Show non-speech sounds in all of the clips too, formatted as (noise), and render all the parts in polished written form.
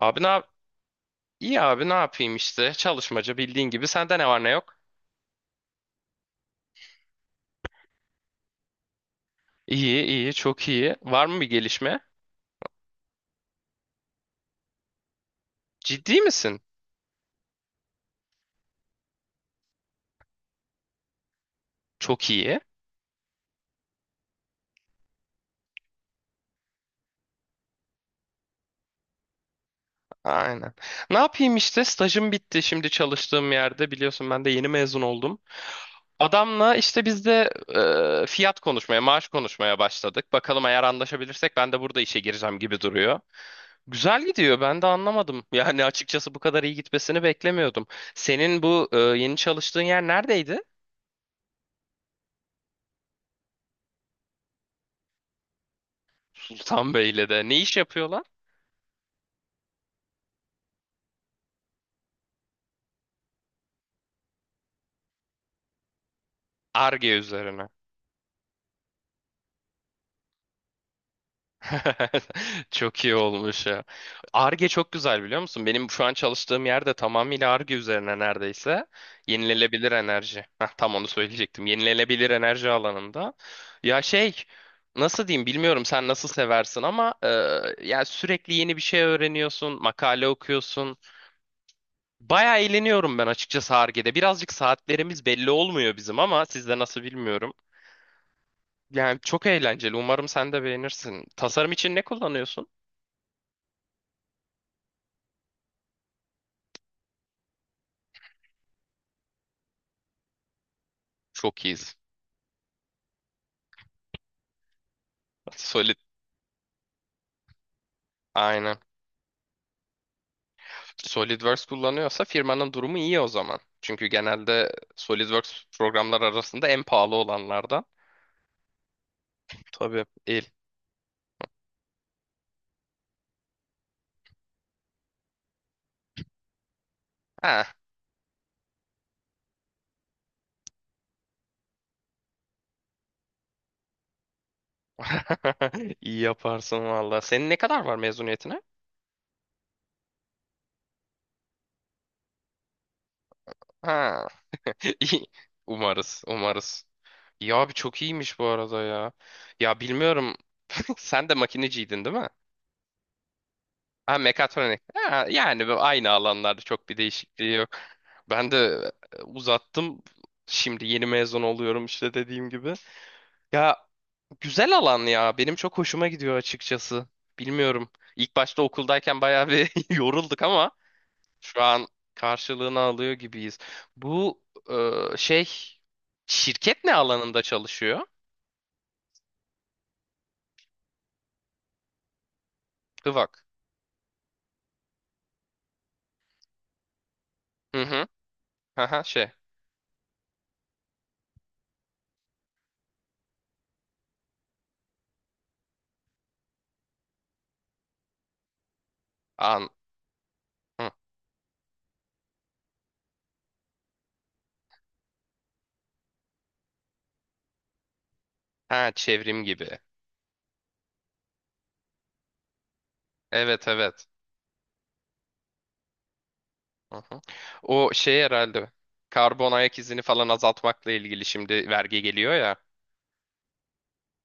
Abi ne yap? İyi abi ne yapayım işte. Çalışmaca bildiğin gibi. Sende ne var ne yok? İyi iyi çok iyi. Var mı bir gelişme? Ciddi misin? Çok iyi. Aynen. Ne yapayım işte stajım bitti şimdi çalıştığım yerde biliyorsun ben de yeni mezun oldum. Adamla işte biz de fiyat konuşmaya, maaş konuşmaya başladık. Bakalım eğer anlaşabilirsek ben de burada işe gireceğim gibi duruyor. Güzel gidiyor ben de anlamadım. Yani açıkçası bu kadar iyi gitmesini beklemiyordum. Senin bu yeni çalıştığın yer neredeydi? Sultan Bey'le de. Ne iş yapıyorlar? Arge üzerine. (laughs) Çok iyi olmuş ya. Arge çok güzel biliyor musun? Benim şu an çalıştığım yerde tamamıyla Arge üzerine neredeyse. Yenilenebilir enerji. Heh, tam onu söyleyecektim. Yenilenebilir enerji alanında. Ya şey nasıl diyeyim bilmiyorum sen nasıl seversin ama ya sürekli yeni bir şey öğreniyorsun, makale okuyorsun. Bayağı eğleniyorum ben açıkçası Ar-Ge'de. Birazcık saatlerimiz belli olmuyor bizim ama sizde nasıl bilmiyorum. Yani çok eğlenceli. Umarım sen de beğenirsin. Tasarım için ne kullanıyorsun? Çok iyiyiz. Solid. Aynen. SolidWorks kullanıyorsa firmanın durumu iyi o zaman. Çünkü genelde SolidWorks programlar arasında en pahalı olanlardan. Tabii. İyi. Ha. (laughs) İyi yaparsın valla. Senin ne kadar var mezuniyetine? Ha. (laughs) İyi. Umarız. Umarız. Ya abi çok iyiymiş bu arada ya. Ya bilmiyorum. (laughs) Sen de makineciydin değil mi? Ha, mekatronik. Ha, yani bu aynı alanlarda çok bir değişikliği yok. Ben de uzattım. Şimdi yeni mezun oluyorum işte dediğim gibi. Ya güzel alan ya. Benim çok hoşuma gidiyor açıkçası. Bilmiyorum. İlk başta okuldayken bayağı bir (laughs) yorulduk ama şu an karşılığını alıyor gibiyiz. Bu e, şey şirket ne alanında çalışıyor? Hıvak. Hı hı. Aha, şey. An. Hı. Ha çevrim gibi. Evet evet. Hı hı. O şey herhalde karbon ayak izini falan azaltmakla ilgili şimdi vergi geliyor ya.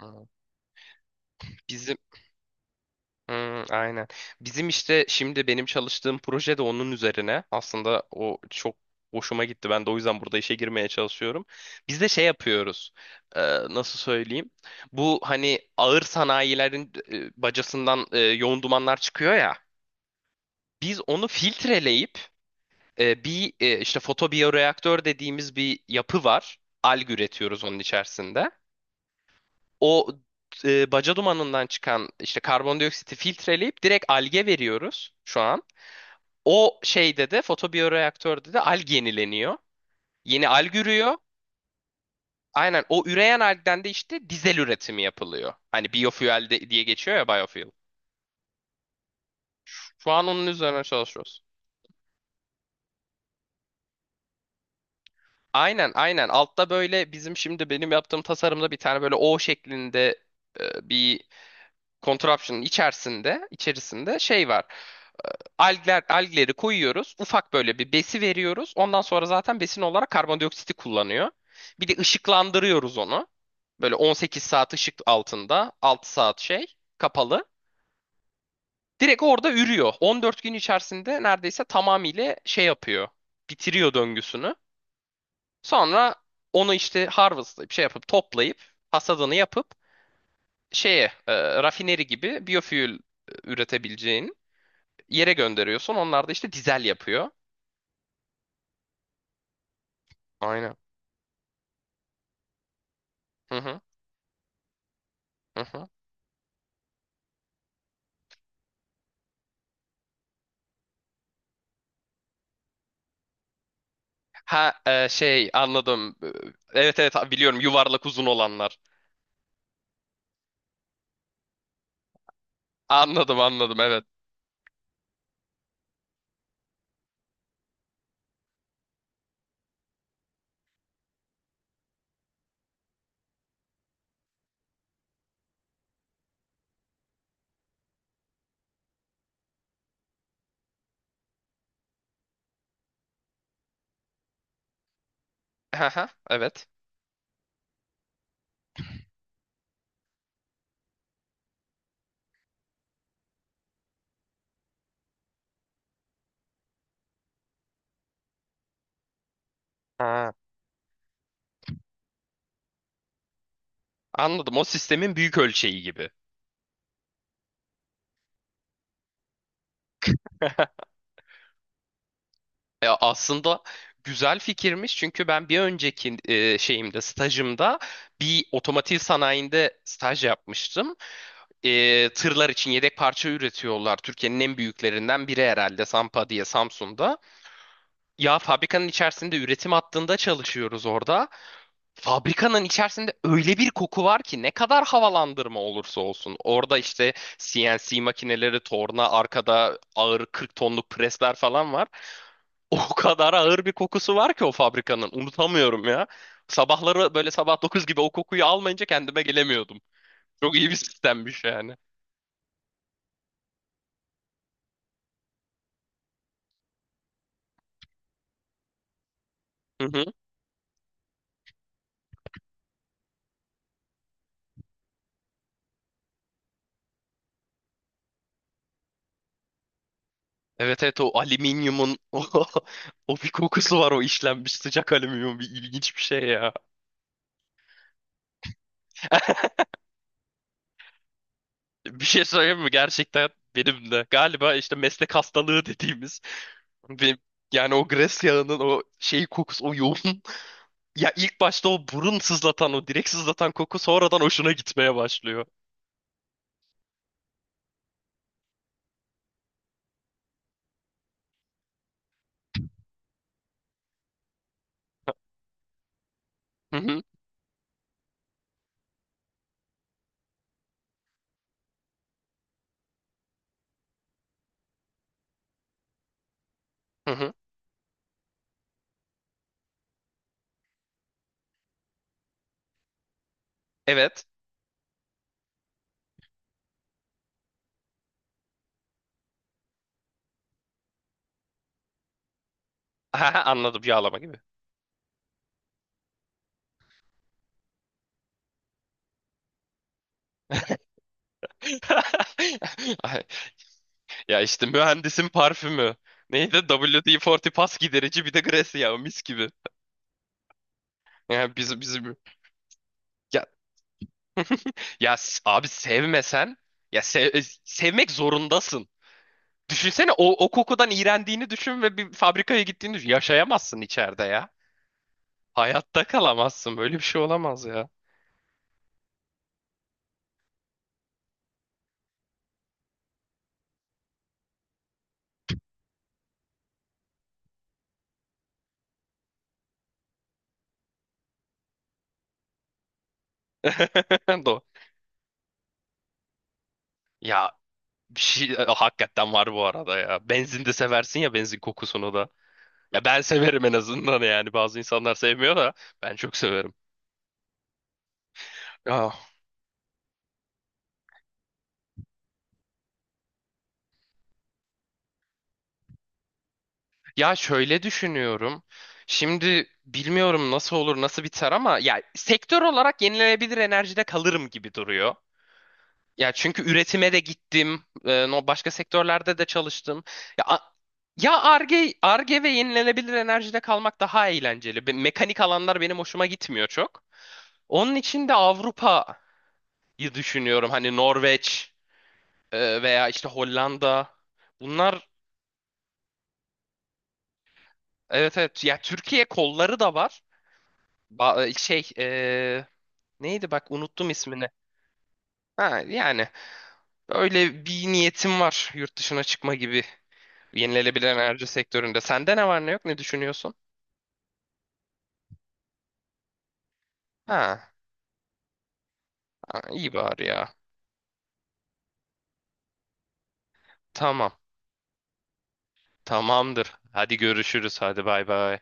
Hı. Bizim Hı, aynen. Bizim işte şimdi benim çalıştığım proje de onun üzerine. Aslında o çok hoşuma gitti. Ben de o yüzden burada işe girmeye çalışıyorum. Biz de şey yapıyoruz. Ee, Nasıl söyleyeyim? Bu hani ağır sanayilerin bacasından yoğun dumanlar çıkıyor ya. Biz onu filtreleyip bir işte fotobiyoreaktör dediğimiz bir yapı var. Alg üretiyoruz onun içerisinde. O baca dumanından çıkan işte karbondioksiti filtreleyip direkt alge veriyoruz şu an. O şeyde de fotobiyoreaktörde de alg yenileniyor. Yeni alg ürüyor. Aynen o üreyen algden de işte dizel üretimi yapılıyor. Hani biofuel diye geçiyor ya biofuel. Şu an onun üzerine çalışıyoruz. Aynen aynen altta böyle bizim şimdi benim yaptığım tasarımda bir tane böyle O şeklinde bir Contraption'ın içerisinde, şey var. Algleri koyuyoruz. Ufak böyle bir besi veriyoruz. Ondan sonra zaten besin olarak karbondioksiti kullanıyor. Bir de ışıklandırıyoruz onu. Böyle 18 saat ışık altında, 6 saat şey kapalı. Direkt orada ürüyor. 14 gün içerisinde neredeyse tamamıyla şey yapıyor. Bitiriyor döngüsünü. Sonra onu işte harvestlayıp şey yapıp toplayıp hasadını yapıp şeye rafineri gibi biofuel üretebileceğini yere gönderiyorsun. Onlar da işte dizel yapıyor. Aynen. Hı hı. Hı hı. Ha şey anladım. Evet evet biliyorum yuvarlak uzun olanlar. Anladım anladım evet. Hı hı. Evet. Ha. Anladım o sistemin büyük ölçeği gibi. (laughs) Ya aslında güzel fikirmiş çünkü ben bir önceki e, şeyimde stajımda bir otomotiv sanayinde staj yapmıştım. Tırlar için yedek parça üretiyorlar. Türkiye'nin en büyüklerinden biri herhalde Sampa diye Samsun'da. Ya fabrikanın içerisinde üretim hattında çalışıyoruz orada. Fabrikanın içerisinde öyle bir koku var ki ne kadar havalandırma olursa olsun. Orada işte CNC makineleri, torna, arkada ağır 40 tonluk presler falan var. (laughs) O kadar ağır bir kokusu var ki o fabrikanın. Unutamıyorum ya. Sabahları böyle sabah 9 gibi o kokuyu almayınca kendime gelemiyordum. Çok iyi bir sistemmiş yani. Hı hı. Evet evet o alüminyumun (laughs) o bir kokusu var o işlenmiş sıcak alüminyum bir ilginç bir şey ya. (laughs) Bir şey söyleyeyim mi? Gerçekten benim de galiba işte meslek hastalığı (laughs) dediğimiz benim, yani o gres yağının o şey kokusu o yoğun (laughs) ya ilk başta o burun sızlatan o direkt sızlatan koku sonradan hoşuna gitmeye başlıyor. Hı hı, hı hı. Evet. Aha, anladım yağlama gibi. (laughs) Ay, ya işte mühendisin parfümü. Neydi? WD-40 pas giderici bir de gres yağı mis gibi. Yani bizim ya, abi sevmesen ya sevmek zorundasın. Düşünsene o kokudan iğrendiğini düşün ve bir fabrikaya gittiğini düşün. Yaşayamazsın içeride ya. Hayatta kalamazsın. Böyle bir şey olamaz ya. (laughs) Do. Ya bir şey hakikaten var bu arada ya. Benzin de seversin ya benzin kokusunu da. Ya ben severim en azından yani. Bazı insanlar sevmiyor da ben çok severim. Ya, ya şöyle düşünüyorum. Şimdi bilmiyorum nasıl olur nasıl biter ama ya sektör olarak yenilenebilir enerjide kalırım gibi duruyor. Ya çünkü üretime de gittim. No başka sektörlerde de çalıştım. Ya ya Ar-Ge ve yenilenebilir enerjide kalmak daha eğlenceli. Mekanik alanlar benim hoşuma gitmiyor çok. Onun için de Avrupa'yı düşünüyorum. Hani Norveç veya işte Hollanda. Bunlar evet evet. Ya Türkiye kolları da var. Ba- e, şey e, Neydi bak unuttum ismini. Ha, yani öyle bir niyetim var yurt dışına çıkma gibi. Yenilenebilir enerji sektöründe. Sende ne var ne yok ne düşünüyorsun? Ha, ha, iyi bari ya. Tamam. Tamamdır. Hadi görüşürüz. Hadi bay bay.